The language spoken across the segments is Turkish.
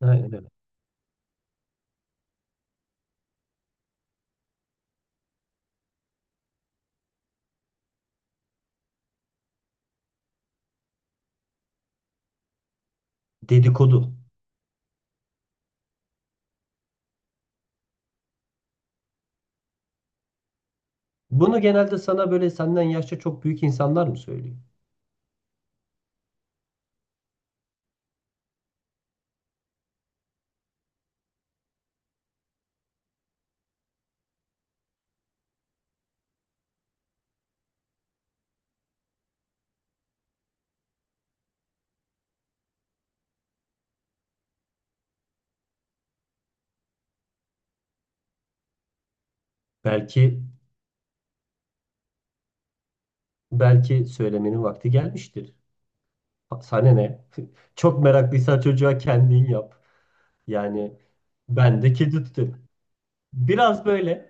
Aynen öyle. Dedikodu. Bunu genelde sana böyle senden yaşça çok büyük insanlar mı söylüyor? Belki belki söylemenin vakti gelmiştir. Sana ne? Çok meraklıysan çocuğa kendin yap. Yani ben de kedi tuttum. Biraz böyle.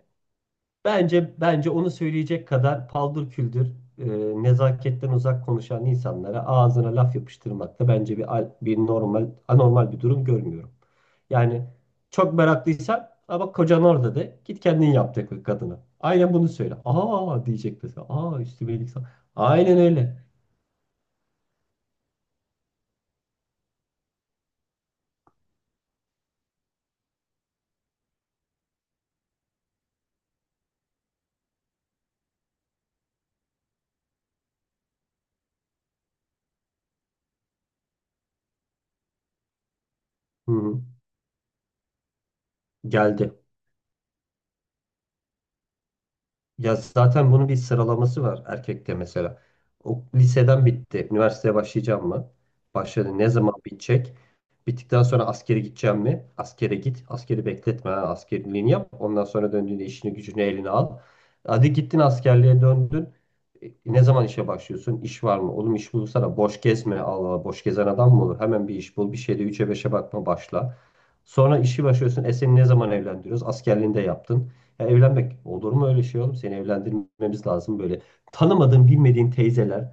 Bence onu söyleyecek kadar paldır küldür e, nezaketten uzak konuşan insanlara ağzına laf yapıştırmakta bence bir normal anormal bir durum görmüyorum. Yani çok meraklıysan "Aa bak kocan orada de, git kendin yap de kadına. Aynen bunu söyle. Aa diyecek mesela. Aa üstüme iyilik sa-" Aynen öyle. Hı hı. Geldi. Ya zaten bunun bir sıralaması var erkekte mesela. O liseden bitti. Üniversiteye başlayacağım mı? Başladı. Ne zaman bitecek? Bittikten sonra askere gideceğim mi? Askere git. Askeri bekletme. Ha. Askerliğini yap. Ondan sonra döndüğünde işini gücünü eline al. Hadi gittin askerliğe döndün. E, ne zaman işe başlıyorsun? İş var mı? Oğlum iş bulsana. Boş gezme. Allah Allah. Boş gezen adam mı olur? Hemen bir iş bul. Bir şeyde üçe beşe bakma, başla. Sonra işi başlıyorsun. E seni ne zaman evlendiriyoruz? Askerliğini de yaptın. Ya evlenmek olur mu öyle şey oğlum? Seni evlendirmemiz lazım böyle. Tanımadığın, bilmediğin teyzeler,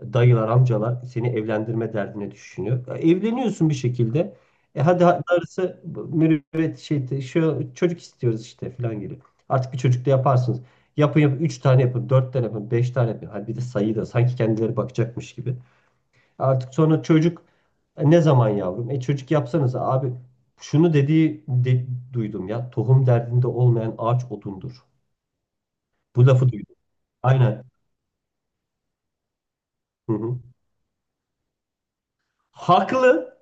dayılar, amcalar seni evlendirme derdine düşünüyor. E, evleniyorsun bir şekilde. E hadi darısı mürüvvet şey, şu çocuk istiyoruz işte falan geliyor. Artık bir çocuk da yaparsınız. Yapın yapın, 3 tane yapın, 4 tane yapın, 5 tane yapın. Hadi bir de sayı da, sanki kendileri bakacakmış gibi. Artık sonra çocuk. "E, ne zaman yavrum? E çocuk yapsanız abi" şunu dediği de duydum ya. "Tohum derdinde olmayan ağaç odundur." Bu lafı duydum. Aynen. Hı hı. Haklı.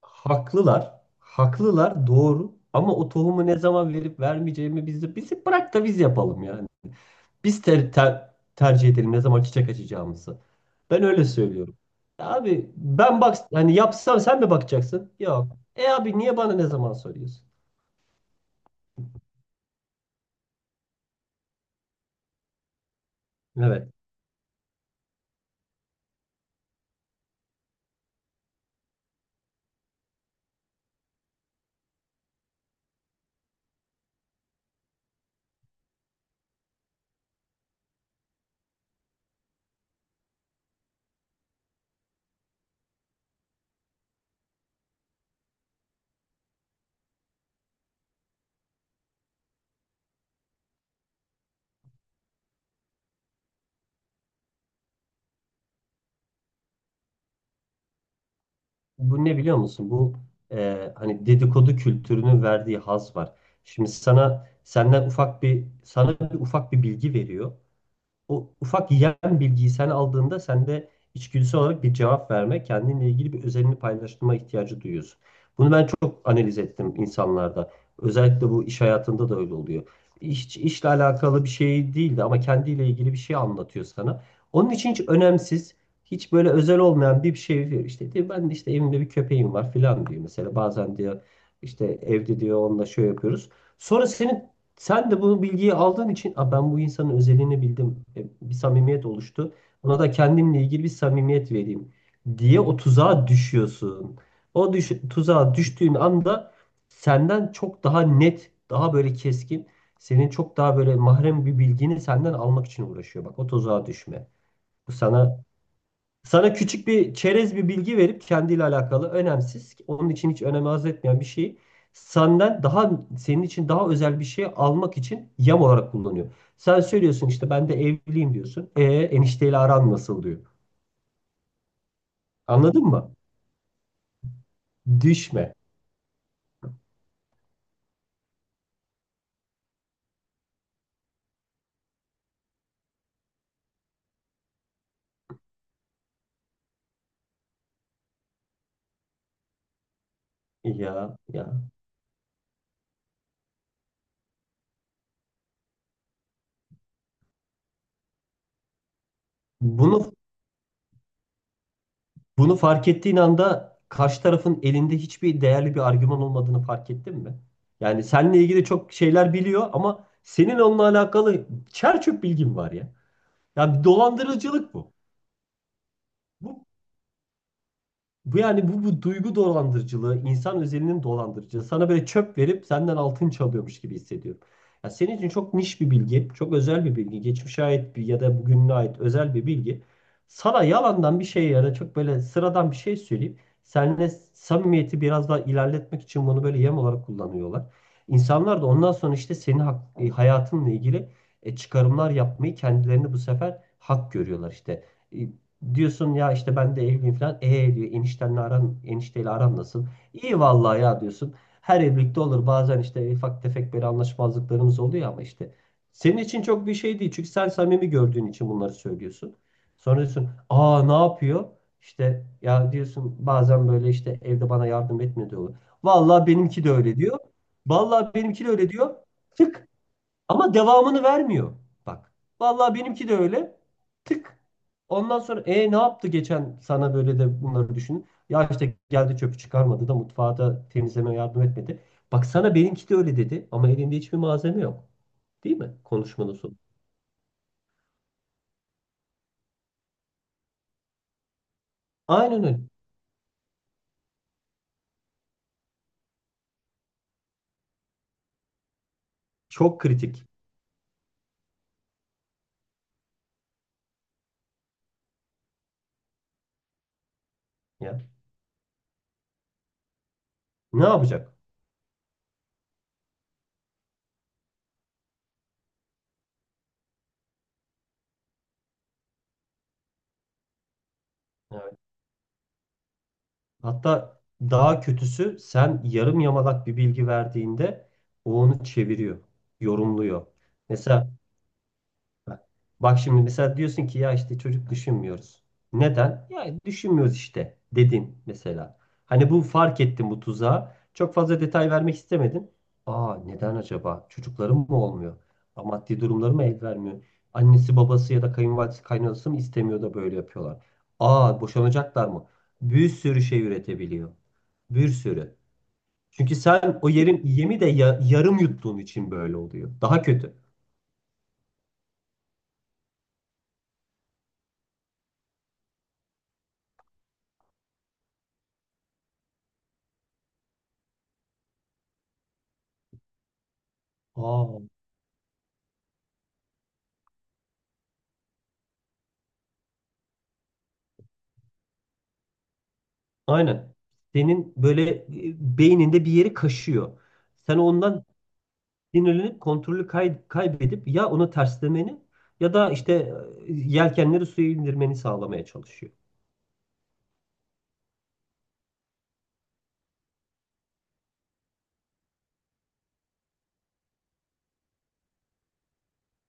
Haklılar. Haklılar, doğru. Ama o tohumu ne zaman verip vermeyeceğimi biz, de bizi bırak da biz yapalım yani. Biz tercih edelim ne zaman çiçek açacağımızı. Ben öyle söylüyorum. Abi ben bak, hani yapsam sen mi bakacaksın? Yok. E abi niye bana ne zaman soruyorsun? Evet. Bu ne biliyor musun? Bu hani dedikodu kültürünün verdiği haz var. Şimdi sana senden ufak bir, bir ufak bir bilgi veriyor. O ufak yem bilgiyi sen aldığında sende içgüdüsel olarak bir cevap verme, kendinle ilgili bir özelini paylaştırma ihtiyacı duyuyorsun. Bunu ben çok analiz ettim insanlarda. Özellikle bu iş hayatında da öyle oluyor. İş, işle alakalı bir şey değildi ama kendiyle ilgili bir şey anlatıyor sana. Onun için hiç önemsiz, hiç böyle özel olmayan bir şey diyor. İşte diyor, ben de işte evimde bir köpeğim var filan diyor. Mesela bazen diyor işte evde diyor onunla şöyle yapıyoruz. Sonra senin, sen de bu bilgiyi aldığın için "Aa, ben bu insanın özelliğini bildim. E, bir samimiyet oluştu. Ona da kendimle ilgili bir samimiyet vereyim" diye o tuzağa düşüyorsun. O tuzağa düştüğün anda senden çok daha net, daha böyle keskin, senin çok daha böyle mahrem bir bilgini senden almak için uğraşıyor. Bak, o tuzağa düşme. Bu sana küçük bir çerez bir bilgi verip kendiyle alakalı önemsiz, onun için hiç önem arz etmeyen bir şeyi, senden daha, senin için daha özel bir şey almak için yem olarak kullanıyor. Sen söylüyorsun işte, ben de evliyim diyorsun. E enişteyle aran nasıl diyor. Anladın mı? Düşme. Ya ya. Bunu bunu fark ettiğin anda karşı tarafın elinde hiçbir değerli bir argüman olmadığını fark ettin mi? Yani seninle ilgili çok şeyler biliyor ama senin onunla alakalı çer çöp bilgin var ya. Yani bir dolandırıcılık bu. Bu, bu duygu dolandırıcılığı, insan özelinin dolandırıcılığı. Sana böyle çöp verip senden altın çalıyormuş gibi hissediyorum. Ya senin için çok niş bir bilgi, çok özel bir bilgi, geçmişe ait bir ya da bugüne ait özel bir bilgi. Sana yalandan bir şey ya da çok böyle sıradan bir şey söyleyip seninle samimiyeti biraz daha ilerletmek için bunu böyle yem olarak kullanıyorlar. İnsanlar da ondan sonra işte senin hayatınla ilgili çıkarımlar yapmayı kendilerini bu sefer hak görüyorlar işte. E, diyorsun ya işte ben de evliyim falan. E diyor, eniştenle aran, enişteyle aran nasıl? İyi vallahi ya, diyorsun. Her evlilikte olur. Bazen işte ufak tefek böyle anlaşmazlıklarımız oluyor ama işte. Senin için çok bir şey değil. Çünkü sen samimi gördüğün için bunları söylüyorsun. Sonra diyorsun, aa ne yapıyor? İşte ya diyorsun, bazen böyle işte evde bana yardım etmiyor diyorlar. Vallahi benimki de öyle diyor. Vallahi benimki de öyle diyor. Tık, ama devamını vermiyor. Bak. Vallahi benimki de öyle. Tık. Ondan sonra, e ne yaptı geçen sana böyle, de bunları düşün. Ya işte geldi çöpü çıkarmadı da mutfağa da temizleme yardım etmedi. Bak, sana benimki de öyle dedi ama elinde hiçbir malzeme yok. Değil mi? Konuşmanın sonu. Aynen öyle. Çok kritik. Ya. Ne yapacak? Evet. Hatta daha kötüsü, sen yarım yamalak bir bilgi verdiğinde, o onu çeviriyor, yorumluyor. Mesela. Bak şimdi mesela diyorsun ki ya işte çocuk düşünmüyoruz. Neden? Ya düşünmüyoruz işte dedin mesela. Hani bu, fark ettim bu tuzağı. Çok fazla detay vermek istemedin. Aa neden acaba? Çocuklarım mı olmuyor? Aa, maddi durumları mı el vermiyor? Annesi babası ya da kayınvalidesi kaynanası mı istemiyor da böyle yapıyorlar? Aa boşanacaklar mı? Bir sürü şey üretebiliyor. Bir sürü. Çünkü sen o yerin yemi de yarım yuttuğun için böyle oluyor. Daha kötü. Aa. Aynen. Senin böyle beyninde bir yeri kaşıyor. Sen ondan sinirlenip kontrolü kaybedip ya onu terslemeni ya da işte yelkenleri suya indirmeni sağlamaya çalışıyor.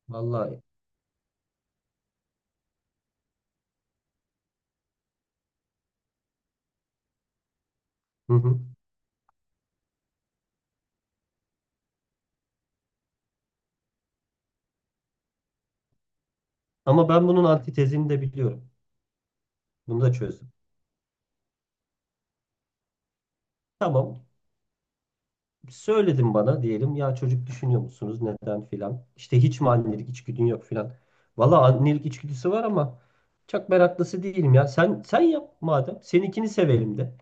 Vallahi. Hı hı. Ama ben bunun antitezini de biliyorum. Bunu da çözdüm. Tamam. Söyledim, bana diyelim ya, çocuk düşünüyor musunuz neden filan. İşte hiç mi annelik içgüdün yok filan. Valla annelik içgüdüsü var ama çok meraklısı değilim ya. Sen sen yap madem. Seninkini sevelim de.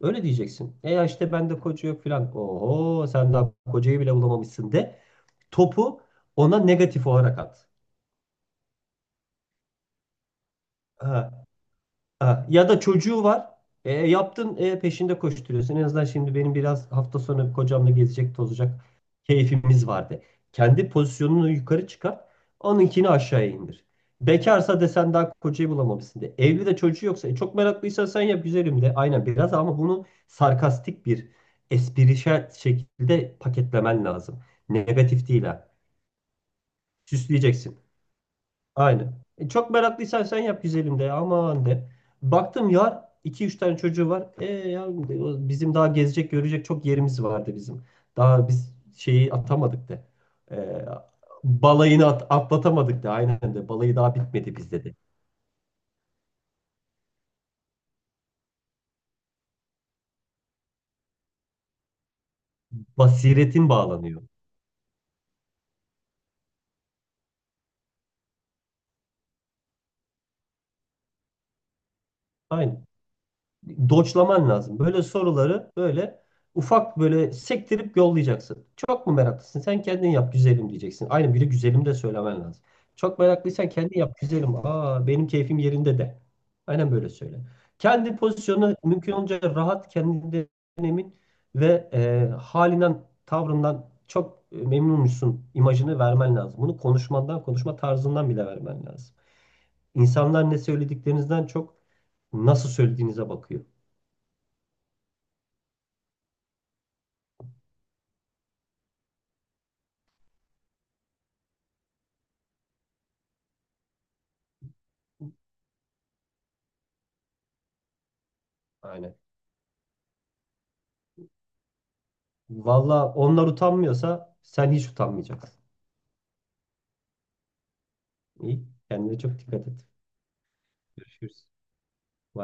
Öyle diyeceksin. E ya işte bende koca yok filan. Oho sen daha kocayı bile bulamamışsın de. Topu ona negatif olarak at. Ha. Ha. Ya da çocuğu var. E, yaptın, peşinde koşturuyorsun. En azından şimdi benim biraz hafta sonu kocamla gezecek tozacak keyfimiz vardı. Kendi pozisyonunu yukarı çıkar. Onunkini aşağıya indir. Bekarsa desen daha kocayı bulamamışsın de. Evli de çocuğu yoksa, e, çok meraklıysan sen yap güzelim de. Aynen biraz, ama bunu sarkastik bir esprişel şekilde paketlemen lazım. Negatif değil, ha. Süsleyeceksin. Aynen. E, çok meraklıysan sen yap güzelim de, aman de. Baktım yar 2 3 tane çocuğu var. E yavrum de, o- bizim daha gezecek görecek çok yerimiz vardı bizim. Daha biz şeyi atamadık de. E, balayını atlatamadık de. Aynen de. Balayı daha bitmedi bizde de. Basiretin bağlanıyor. Aynen. Doçlaman lazım. Böyle soruları böyle ufak böyle sektirip yollayacaksın. Çok mu meraklısın? Sen kendin yap güzelim diyeceksin. Aynı biri güzelim de söylemen lazım. Çok meraklıysan kendin yap güzelim. Aa benim keyfim yerinde de. Aynen böyle söyle. Kendi pozisyonuna mümkün olunca rahat, kendinden emin ve halinden, tavrından çok memnunmuşsun imajını vermen lazım. Bunu konuşmandan, konuşma tarzından bile vermen lazım. İnsanlar ne söylediklerinizden çok nasıl söylediğinize bakıyor. Aynen. Valla onlar utanmıyorsa sen hiç utanmayacaksın. İyi. Kendine çok dikkat et.